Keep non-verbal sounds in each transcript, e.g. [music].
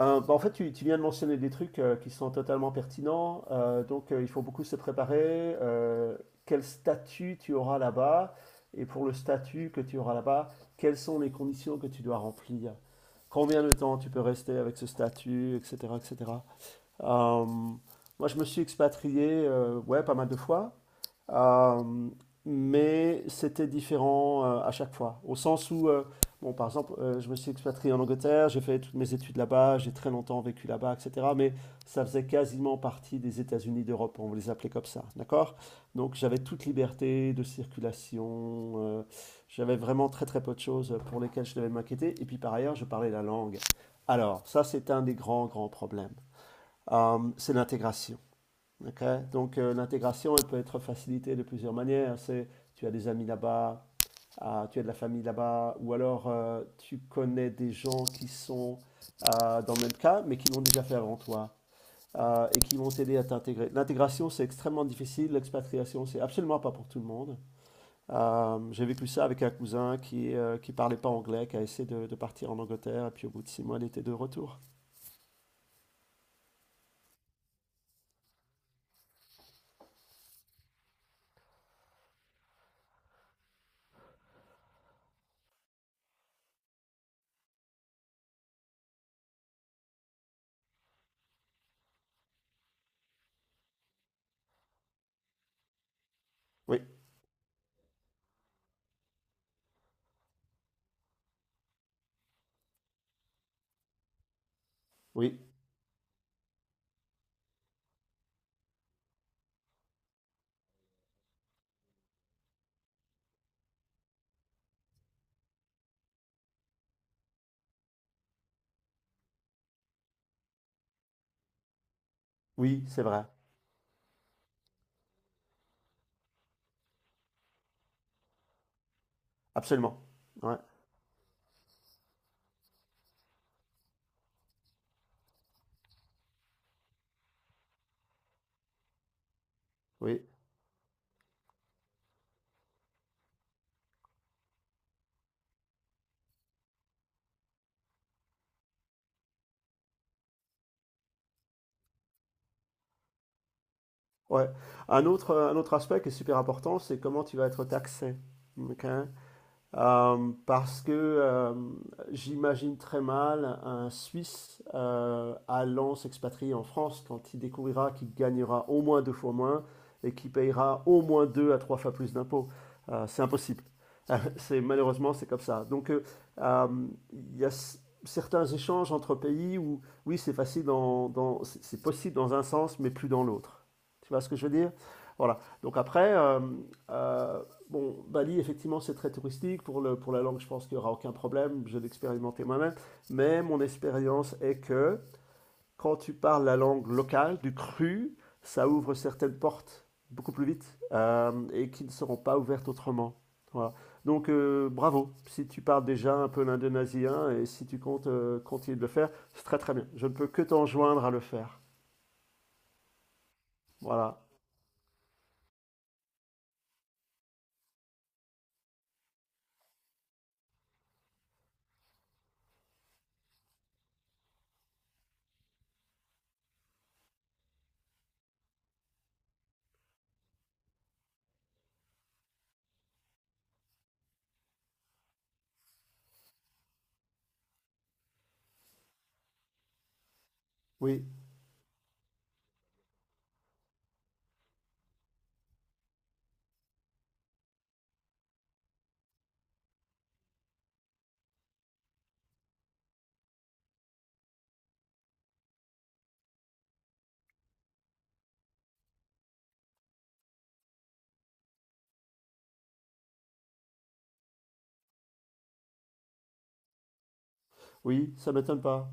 Bah, en fait, tu viens de mentionner des trucs qui sont totalement pertinents. Donc, il faut beaucoup se préparer. Euh, Quel statut tu auras là-bas? Et pour le statut que tu auras là-bas, quelles sont les conditions que tu dois remplir? Combien de temps tu peux rester avec ce statut, etc., etc. Euh, Moi, je me suis expatrié, ouais, pas mal de fois. Euh, mais c'était différent à chaque fois. Au sens où, bon, par exemple, je me suis expatrié en Angleterre, j'ai fait toutes mes études là-bas, j'ai très longtemps vécu là-bas, etc. Mais ça faisait quasiment partie des États-Unis d'Europe, on les appelait comme ça, d'accord? Donc j'avais toute liberté de circulation, j'avais vraiment très très peu de choses pour lesquelles je devais m'inquiéter. Et puis par ailleurs, je parlais la langue. Alors, ça, c'est un des grands, grands problèmes. C'est l'intégration. Ok? Donc l'intégration, elle peut être facilitée de plusieurs manières. C'est tu as des amis là-bas, ah, tu as de la famille là-bas, ou alors tu connais des gens qui sont dans le même cas, mais qui l'ont déjà fait avant toi, et qui vont t'aider à t'intégrer. L'intégration, c'est extrêmement difficile. L'expatriation, c'est absolument pas pour tout le monde. J'ai vécu ça avec un cousin qui parlait pas anglais, qui a essayé de partir en Angleterre, et puis au bout de 6 mois, il était de retour. Oui, oui, oui, c'est vrai. Absolument. Ouais, oui. Ouais. Un autre aspect qui est super important, c'est comment tu vas être taxé. OK? Parce que j'imagine très mal un Suisse allant s'expatrier en France quand il découvrira qu'il gagnera au moins deux fois moins et qu'il payera au moins deux à trois fois plus d'impôts. C'est impossible. [laughs] C'est, malheureusement, c'est comme ça. Donc, euh, il y a certains échanges entre pays où, oui, c'est facile c'est possible dans un sens, mais plus dans l'autre. Tu vois ce que je veux dire? Voilà. Donc après, euh, Bon, Bali, effectivement, c'est très touristique. Pour la langue, je pense qu'il n'y aura aucun problème. Je l'ai expérimenté moi-même. Mais mon expérience est que quand tu parles la langue locale, du cru, ça ouvre certaines portes beaucoup plus vite et qui ne seront pas ouvertes autrement. Voilà. Donc, bravo. Si tu parles déjà un peu l'indonésien et si tu comptes continuer de le faire, c'est très très bien. Je ne peux que t'enjoindre à le faire. Voilà. Oui, oui, ça m'étonne pas.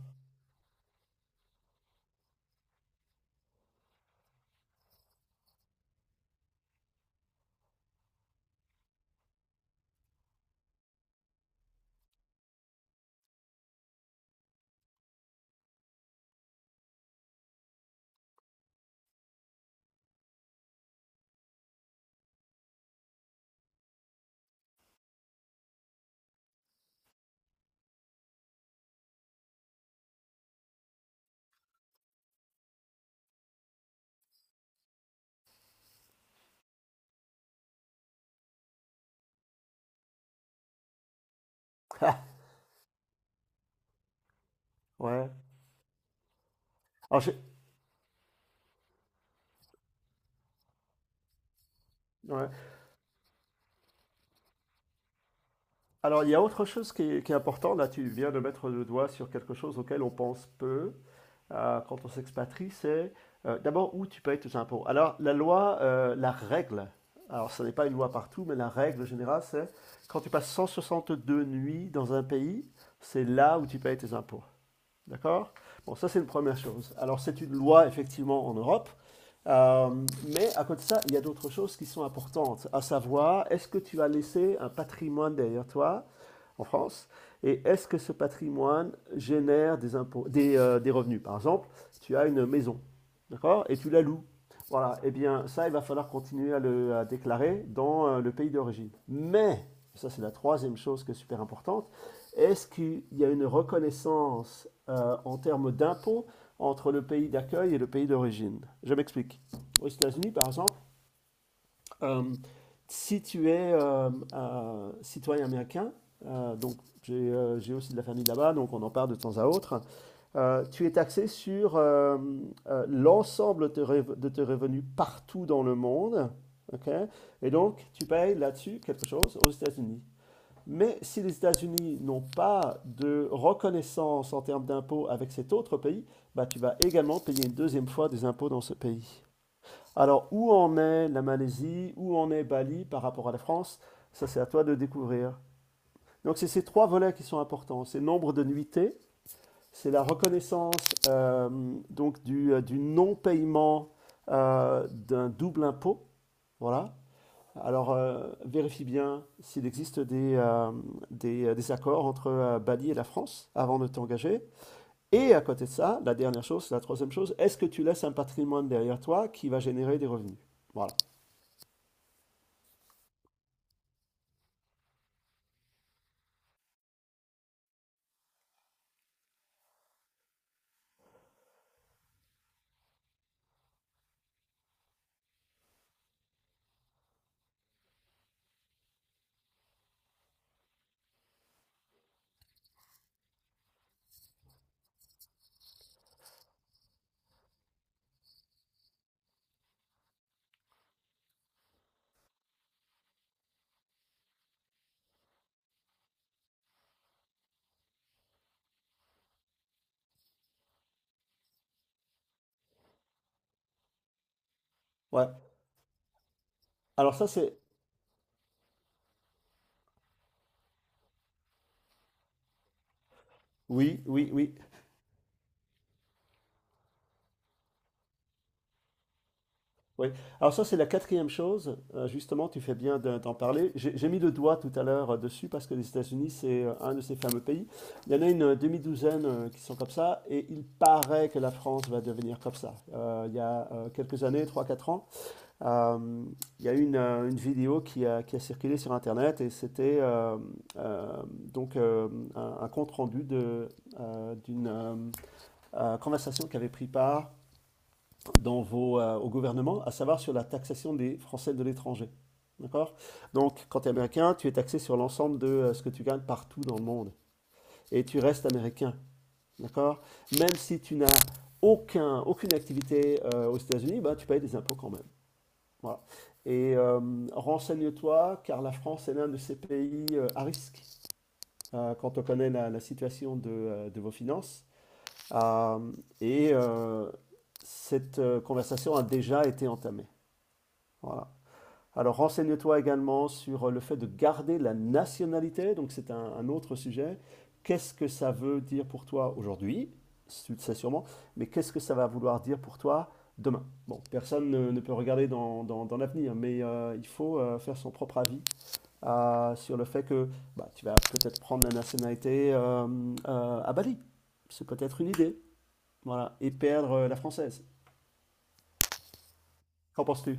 [laughs] Ouais. Alors, ouais. Alors, il y a autre chose qui est important. Là, tu viens de mettre le doigt sur quelque chose auquel on pense peu quand on s'expatrie. C'est d'abord où tu payes tes impôts. Alors, la loi, la règle, alors ce n'est pas une loi partout, mais la règle générale, c'est quand tu passes 162 nuits dans un pays, c'est là où tu payes tes impôts. D'accord? Bon, ça, c'est une première chose. Alors, c'est une loi, effectivement, en Europe. Mais à côté de ça, il y a d'autres choses qui sont importantes, à savoir, est-ce que tu as laissé un patrimoine derrière toi en France? Et est-ce que ce patrimoine génère des, impôts, des revenus? Par exemple, tu as une maison, d'accord? Et tu la loues. Voilà, eh bien ça, il va falloir continuer à déclarer dans le pays d'origine. Mais, ça c'est la troisième chose qui est super importante, est-ce qu'il y a une reconnaissance en termes d'impôts entre le pays d'accueil et le pays d'origine? Je m'explique. Aux États-Unis, par exemple, euh, si tu es citoyen américain, donc j'ai aussi de la famille là-bas, donc on en parle de temps à autre, tu es taxé sur l'ensemble de, de tes revenus partout dans le monde, ok? Et donc tu payes là-dessus quelque chose aux États-Unis. Mais si les États-Unis n'ont pas de reconnaissance en termes d'impôts avec cet autre pays, bah, tu vas également payer une deuxième fois des impôts dans ce pays. Alors, où en est la Malaisie, où en est Bali par rapport à la France? Ça, c'est à toi de découvrir. Donc, c'est ces trois volets qui sont importants. C'est le nombre de nuitées, c'est la reconnaissance euh, donc du non-paiement d'un double impôt. Voilà. Alors, vérifie bien s'il existe des accords entre Bali et la France avant de t'engager. Et à côté de ça, la dernière chose, la troisième chose, est-ce que tu laisses un patrimoine derrière toi qui va générer des revenus? Voilà. Ouais. Alors ça c'est oui, oui, oui, oui. Alors ça c'est la quatrième chose. Justement, tu fais bien d'en parler. J'ai mis le doigt tout à l'heure dessus parce que les États-Unis c'est un de ces fameux pays. Il y en a une demi-douzaine qui sont comme ça et il paraît que la France va devenir comme ça. Il y a quelques années, trois quatre ans, euh, il y a eu une vidéo qui a circulé sur Internet et c'était euh, donc un compte rendu d'une conversation qui avait pris part dans vos, au gouvernement, à savoir sur la taxation des Français de l'étranger. D'accord? Donc, quand tu es américain, tu es taxé sur l'ensemble de ce que tu gagnes partout dans le monde. Et tu restes américain. D'accord? Même si tu n'as aucun, aucune activité aux États-Unis, bah, tu payes des impôts quand même. Voilà. Et renseigne-toi, car la France est l'un de ces pays à risque quand on connaît la situation de vos finances. Euh, et cette conversation a déjà été entamée. Voilà. Alors renseigne-toi également sur le fait de garder la nationalité, donc c'est un autre sujet. Qu'est-ce que ça veut dire pour toi aujourd'hui? Tu le sais sûrement, mais qu'est-ce que ça va vouloir dire pour toi demain? Bon, personne ne peut regarder dans l'avenir, mais il faut faire son propre avis sur le fait que bah, tu vas peut-être prendre la nationalité à Bali. C'est peut-être une idée, voilà, et perdre la française. Qu'en penses-tu?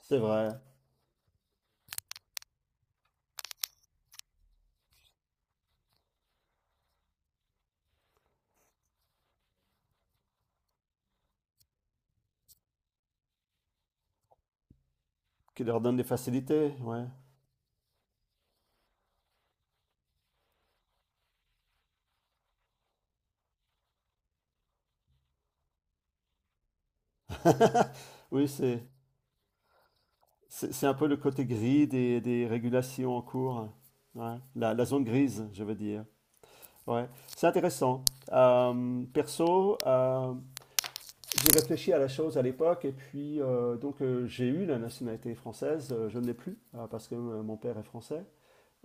C'est vrai, qui leur donne des facilités, ouais. [laughs] Oui, c'est un peu le côté gris des régulations en cours. Hein. Ouais. La zone grise, je veux dire. Ouais. C'est intéressant. Perso, j'ai réfléchi à la chose à l'époque et puis donc j'ai eu la nationalité française. Je ne l'ai plus parce que mon père est français.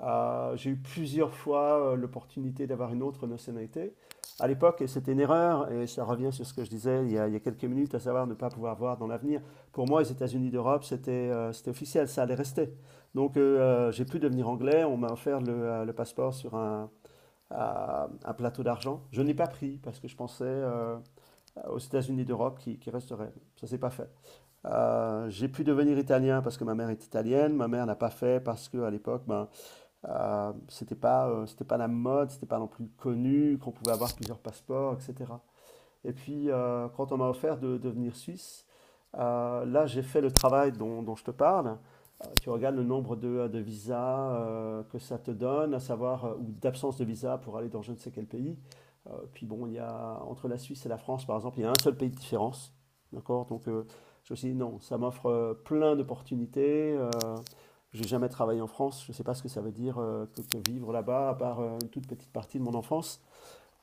J'ai eu plusieurs fois l'opportunité d'avoir une autre nationalité. À l'époque, et c'était une erreur, et ça revient sur ce que je disais il y a quelques minutes, à savoir ne pas pouvoir voir dans l'avenir. Pour moi, les États-Unis d'Europe, c'était officiel, ça allait rester. Donc, j'ai pu devenir anglais. On m'a offert le passeport sur un plateau d'argent. Je n'ai pas pris parce que je pensais aux États-Unis d'Europe qui resteraient. Ça s'est pas fait. J'ai pu devenir italien parce que ma mère est italienne. Ma mère n'a pas fait parce que à l'époque, ben, c'était pas la mode, c'était pas non plus connu, qu'on pouvait avoir plusieurs passeports, etc. Et puis, quand on m'a offert de devenir suisse, là, j'ai fait le travail dont je te parle. Tu regardes le nombre de visas que ça te donne, à savoir, ou d'absence de visa pour aller dans je ne sais quel pays. Puis bon, il y a, entre la Suisse et la France, par exemple, il y a un seul pays de différence. D'accord? Donc, je me suis dit, non, ça m'offre plein d'opportunités. J'ai jamais travaillé en France, je ne sais pas ce que ça veut dire que vivre là-bas, à part une toute petite partie de mon enfance.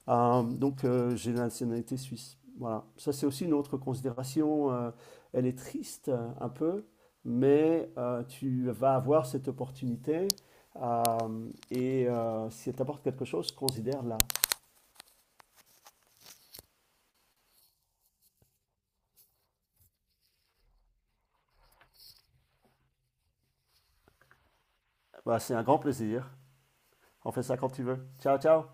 Donc j'ai la nationalité suisse. Voilà. Ça, c'est aussi une autre considération. Elle est triste un peu, mais tu vas avoir cette opportunité. Et si elle t'apporte quelque chose, considère-la. Bah, c'est un grand plaisir. On fait ça quand tu veux. Ciao, ciao.